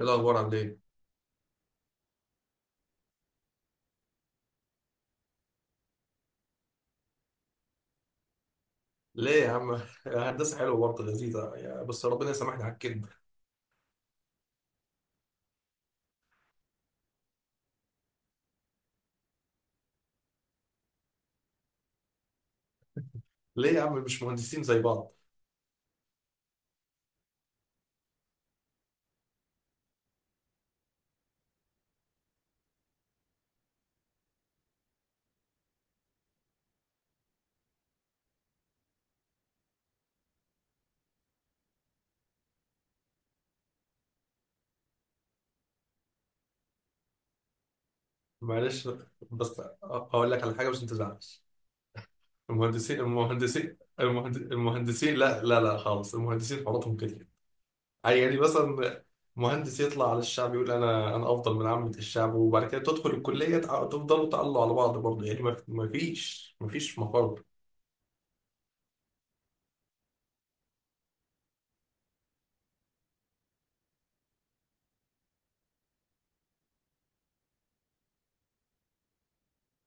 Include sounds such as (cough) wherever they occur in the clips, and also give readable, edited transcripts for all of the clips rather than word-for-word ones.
ايه الاخبار؟ عامل ايه؟ ليه يا عم؟ (laughs) هندسه حلوه برضه لذيذه، بس ربنا يسامحني على الكذب. ليه يا عم مش مهندسين زي بعض؟ معلش، بس اقول لك على حاجه، مش تزعلش. المهندسين، لا لا لا خالص، المهندسين حواراتهم كده. يعني مثلا مهندس يطلع على الشعب يقول انا افضل من عامه الشعب، وبعد كده تدخل الكليه تفضلوا تعلوا على بعض برضه، يعني ما فيش مفر.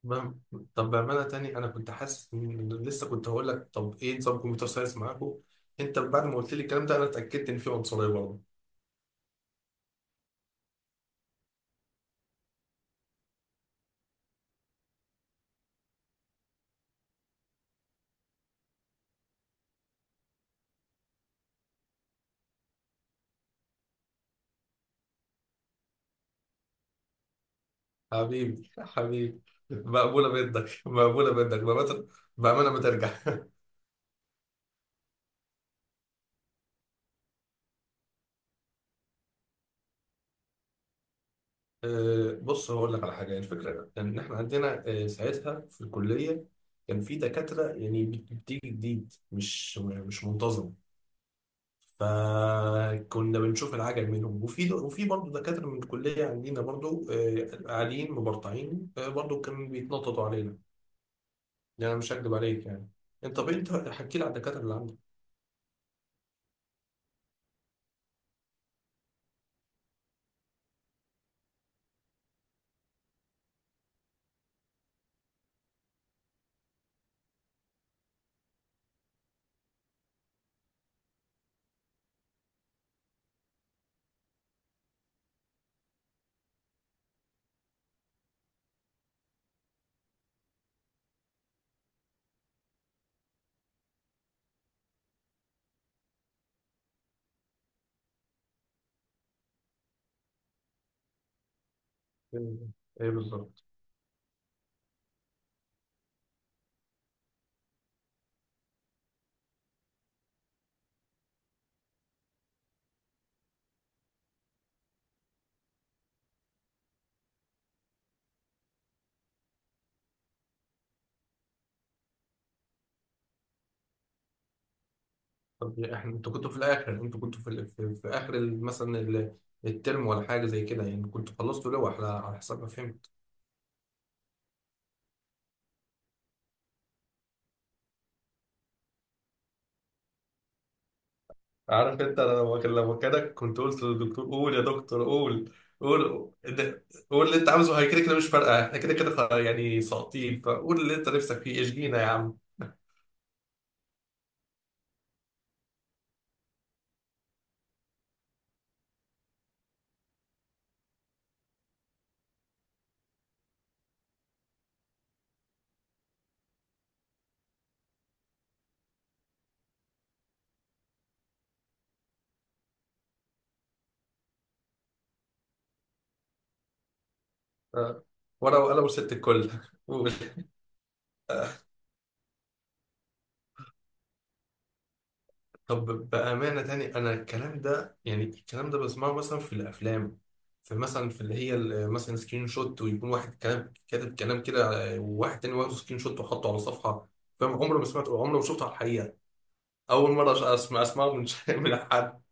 ما- طب بأمانة تاني، أنا كنت حاسس، إن لسه كنت هقول لك، طب إيه نظام كمبيوتر ساينس معاكم؟ أنت بعد ما قلت لي الكلام ده، أنا اتأكدت إن في عنصرية برضه. حبيبي حبيبي، مقبولة منك، مقبولة منك بأمانة. بأمانة ما ترجع. (laughs) بص هقول لك على حاجة، يعني الفكرة إيه؟ إن إحنا عندنا، ساعتها في الكلية، كان في دكاترة، يعني بتيجي جديد، مش منتظم. فكنا بنشوف العجل منهم، وفي برضه دكاترة من الكلية عندنا برضه، قاعدين مبرطعين، برضه كانوا بيتنططوا علينا. يعني أنا مش هكدب عليك يعني. أنت، طب أنت حكي لي على الدكاترة اللي عندك. إيه إيه بالظبط؟ طب يا إحنا، أنتوا كنتوا في الآخر، أنتوا كنتوا في آخر، مثلا الترم ولا حاجة زي كده، يعني كنتوا خلصتوا لوحة، على على حسب ما فهمت. عارف انت، انا لما كنت قلت للدكتور، قول يا دكتور قول، قول قول اللي انت عاوزه، هي كده كده مش فارقه، احنا كده كده يعني ساقطين، فقول اللي انت نفسك فيه، اشجينا يا عم. ف- ورقه وقلم وست الكل. (laughs) قول. طب بامانه تاني، انا الكلام ده، يعني الكلام ده بسمعه مثلا في الافلام، في مثلا في اللي هي مثلا سكرين شوت، ويكون واحد كلام كاتب كلام كده وواحد تاني واخد سكرين شوت وحطه على صفحه. فاهم؟ عمري ما سمعته، عمري ما شفته على الحقيقه. اول مره اسمع اسمعه من (laughs) من حد.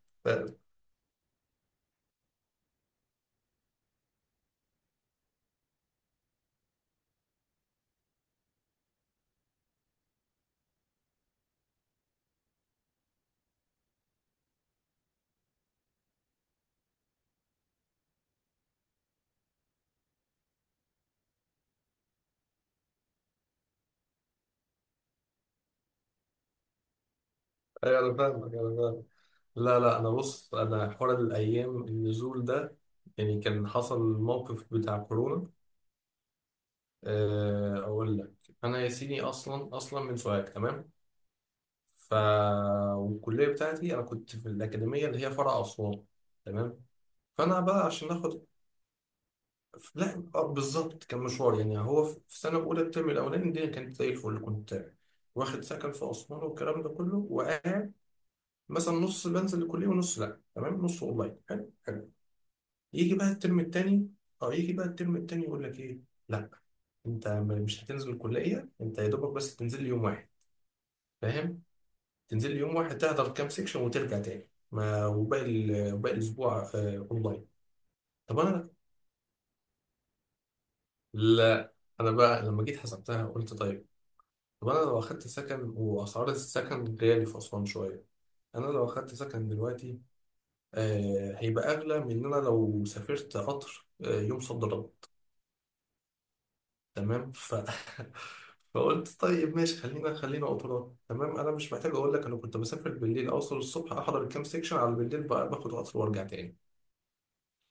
ايوه انا فاهمك، انا فاهمك. لا لا، انا بص، انا حوار الايام النزول ده يعني كان حصل الموقف بتاع كورونا. اقول لك. انا يا سيدي، اصلا اصلا من سوهاج، تمام؟ ف والكليه بتاعتي انا كنت في الاكاديميه اللي هي فرع اسوان، تمام؟ فانا بقى عشان اخد، لا بالظبط كان مشوار. يعني هو في سنه اولى الترم الاولاني، الدنيا كانت زي الفل، كنت واخد سكن في اسوان والكلام ده كله، وقاعد مثلا نص بنزل الكليه ونص لا، تمام، نص اونلاين، حلو حلو. يجي بقى الترم التاني. اه يجي بقى الترم التاني يقول لك ايه، لا انت مش هتنزل الكليه، انت يا دوبك بس تنزل لي يوم واحد، فاهم؟ تنزل لي يوم واحد تحضر كام سيكشن وترجع تاني، ما وباقي ال- وباقي الاسبوع اونلاين. طب انا، لا انا بقى لما جيت حسبتها قلت طيب، طب انا لو اخدت سكن، واسعار السكن غالي في اسوان شويه، انا لو اخدت سكن دلوقتي هيبقى اغلى من ان انا لو سافرت قطر يوم صد رد. تمام. (laughs) فقلت طيب ماشي، خلينا خلينا قطران. تمام انا مش محتاج اقول لك، انا كنت بسافر بالليل، اوصل الصبح، احضر الكام سيكشن على بالليل بقى باخد قطر وارجع تاني.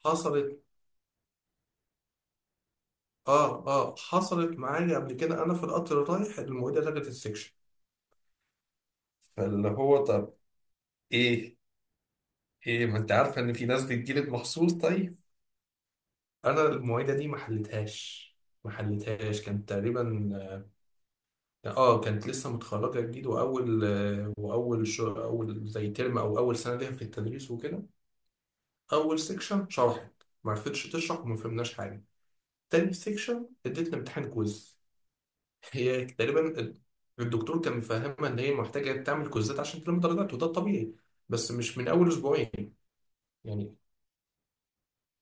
حصلت، اه حصلت معايا قبل كده، انا في القطر رايح المعيده لغت السيكشن. فاللي هو طب ايه؟ ايه، ما انت عارفه ان في ناس بتجيلك مخصوص؟ طيب. انا المعيده دي ما حلتهاش، ما حلتهاش، كان تقريبا، اه كانت لسه متخرجة جديد، وأول وأول شو أول زي ترم، أو أول سنة ليها في التدريس وكده. أول سيكشن شرحت، معرفتش تشرح، وما فهمناش حاجة. تاني سيكشن اديتنا امتحان كويز، هي تقريبا الدكتور كان مفهمها إن هي محتاجة تعمل كويزات عشان تلم درجات، وده الطبيعي، بس مش من أول أسبوعين يعني.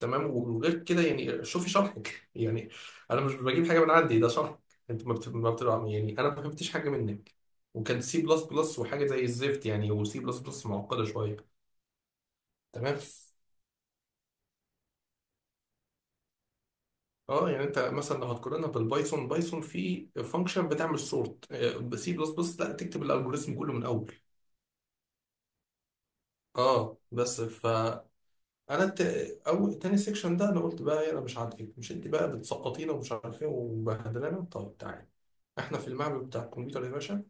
تمام، وغير كده يعني، شوفي شرحك يعني، انا مش بجيب حاجه من عندي، ده شرحك. انت ما بت- ما بت- يعني انا ما فهمتش حاجه منك. وكان سي بلس بلس، وحاجه زي الزفت يعني، وسي بلس بلس معقده شويه. تمام. اه يعني انت مثلا لو هتقارنها بالبايثون، بايثون في فانكشن بتعمل سورت، سي بلس بلس لا، تكتب الالجوريزم كله من اول. اه بس فانا، الت... او تاني سيكشن ده انا قلت بقى إيه، انا مش عاجبك؟ مش انت بقى بتسقطينا ومش عارف ايه، ومبهدلانا؟ طب تعالى. احنا في المعمل بتاع الكمبيوتر يا باشا،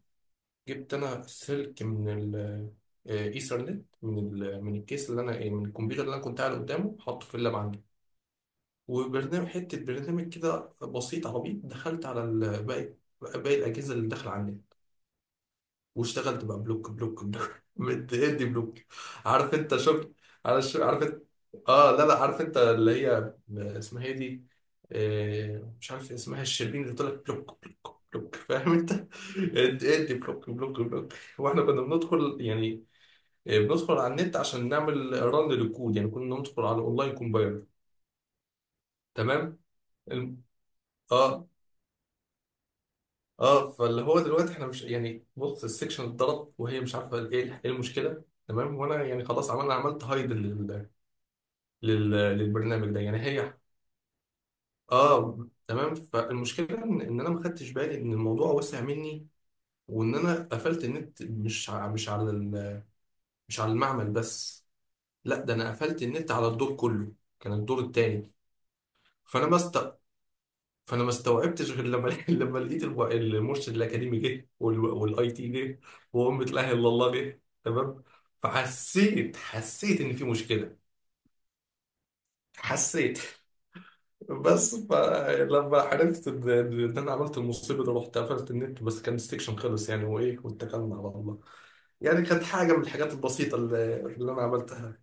جبت انا السلك من ايثرنت، من من الكيس اللي انا إيه، من الكمبيوتر اللي انا كنت قاعد قدامه، حاطه في اللاب عندي، وبرنامج، حته برنامج كده بسيط عبيط، دخلت على باقي باقي الاجهزه اللي داخله عندي، واشتغلت بقى بلوك بلوك بلوك (laughs) مدي بلوك. عارف انت، شفت؟ عارف عارف انت، اه لا لا، عارف انت اللي هي اسمها ايه دي، آه مش عارف اسمها، الشربين اللي طلع بلوك بلوك بلوك، فاهم انت؟ (laughs) ادي ادي بلوك بلوك بلوك. واحنا كنا بندخل يعني بندخل على النت عشان نعمل رن للكود، يعني كنا ندخل على اونلاين كومبايلر، تمام؟ الم- اه اه فاللي هو دلوقتي احنا مش يعني، بص السكشن اتضرب وهي مش عارفه ايه، ايه المشكله، تمام، وانا يعني خلاص عملنا، عملت هايد للبرنامج ده، يعني هي، اه تمام. فالمشكله إن انا ما خدتش بالي ان الموضوع وسع مني، وان انا قفلت النت مش مش على مش على المعمل بس، لا ده انا قفلت النت على الدور كله، كان الدور التاني. فانا بس، فانا ما استوعبتش غير لما (laughs) لما لقيت المرشد الاكاديمي جه، والاي تي جه، وامة لا اله الا الله جه، تمام. فحسيت حسيت ان في مشكله. حسيت. بس فلما عرفت إن انا عملت المصيبه دي، رحت قفلت النت، بس كان السكشن خلص يعني، وايه، واتكلنا على الله. يعني كانت حاجه من الحاجات البسيطه اللي انا عملتها.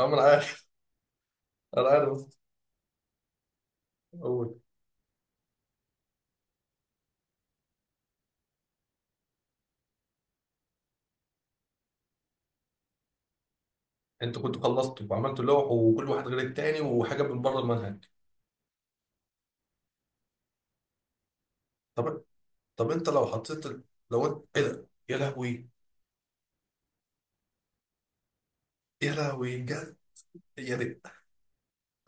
أه، انا عارف، انا عارف. أقول. انتوا كنتوا خلصتوا وعملتوا لوح، وكل واحد غير التاني، وحاجه من بره المنهج. طب، طب انت لو حطيت لو انت، ايه ده يا لهوي؟ يا لهوي بجد. يعني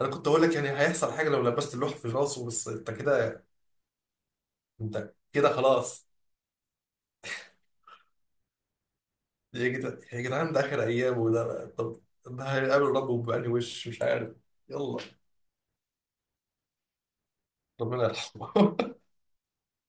انا كنت اقول لك يعني هيحصل حاجه لو لبست اللوح في راسه، بس انت كده، انت كده خلاص. يا جدعان يا جدعان، ده اخر ايامه، وده طب ده هيقابل ربه بأني وش، مش عارف. يلا، ربنا يرحمه. (laughs)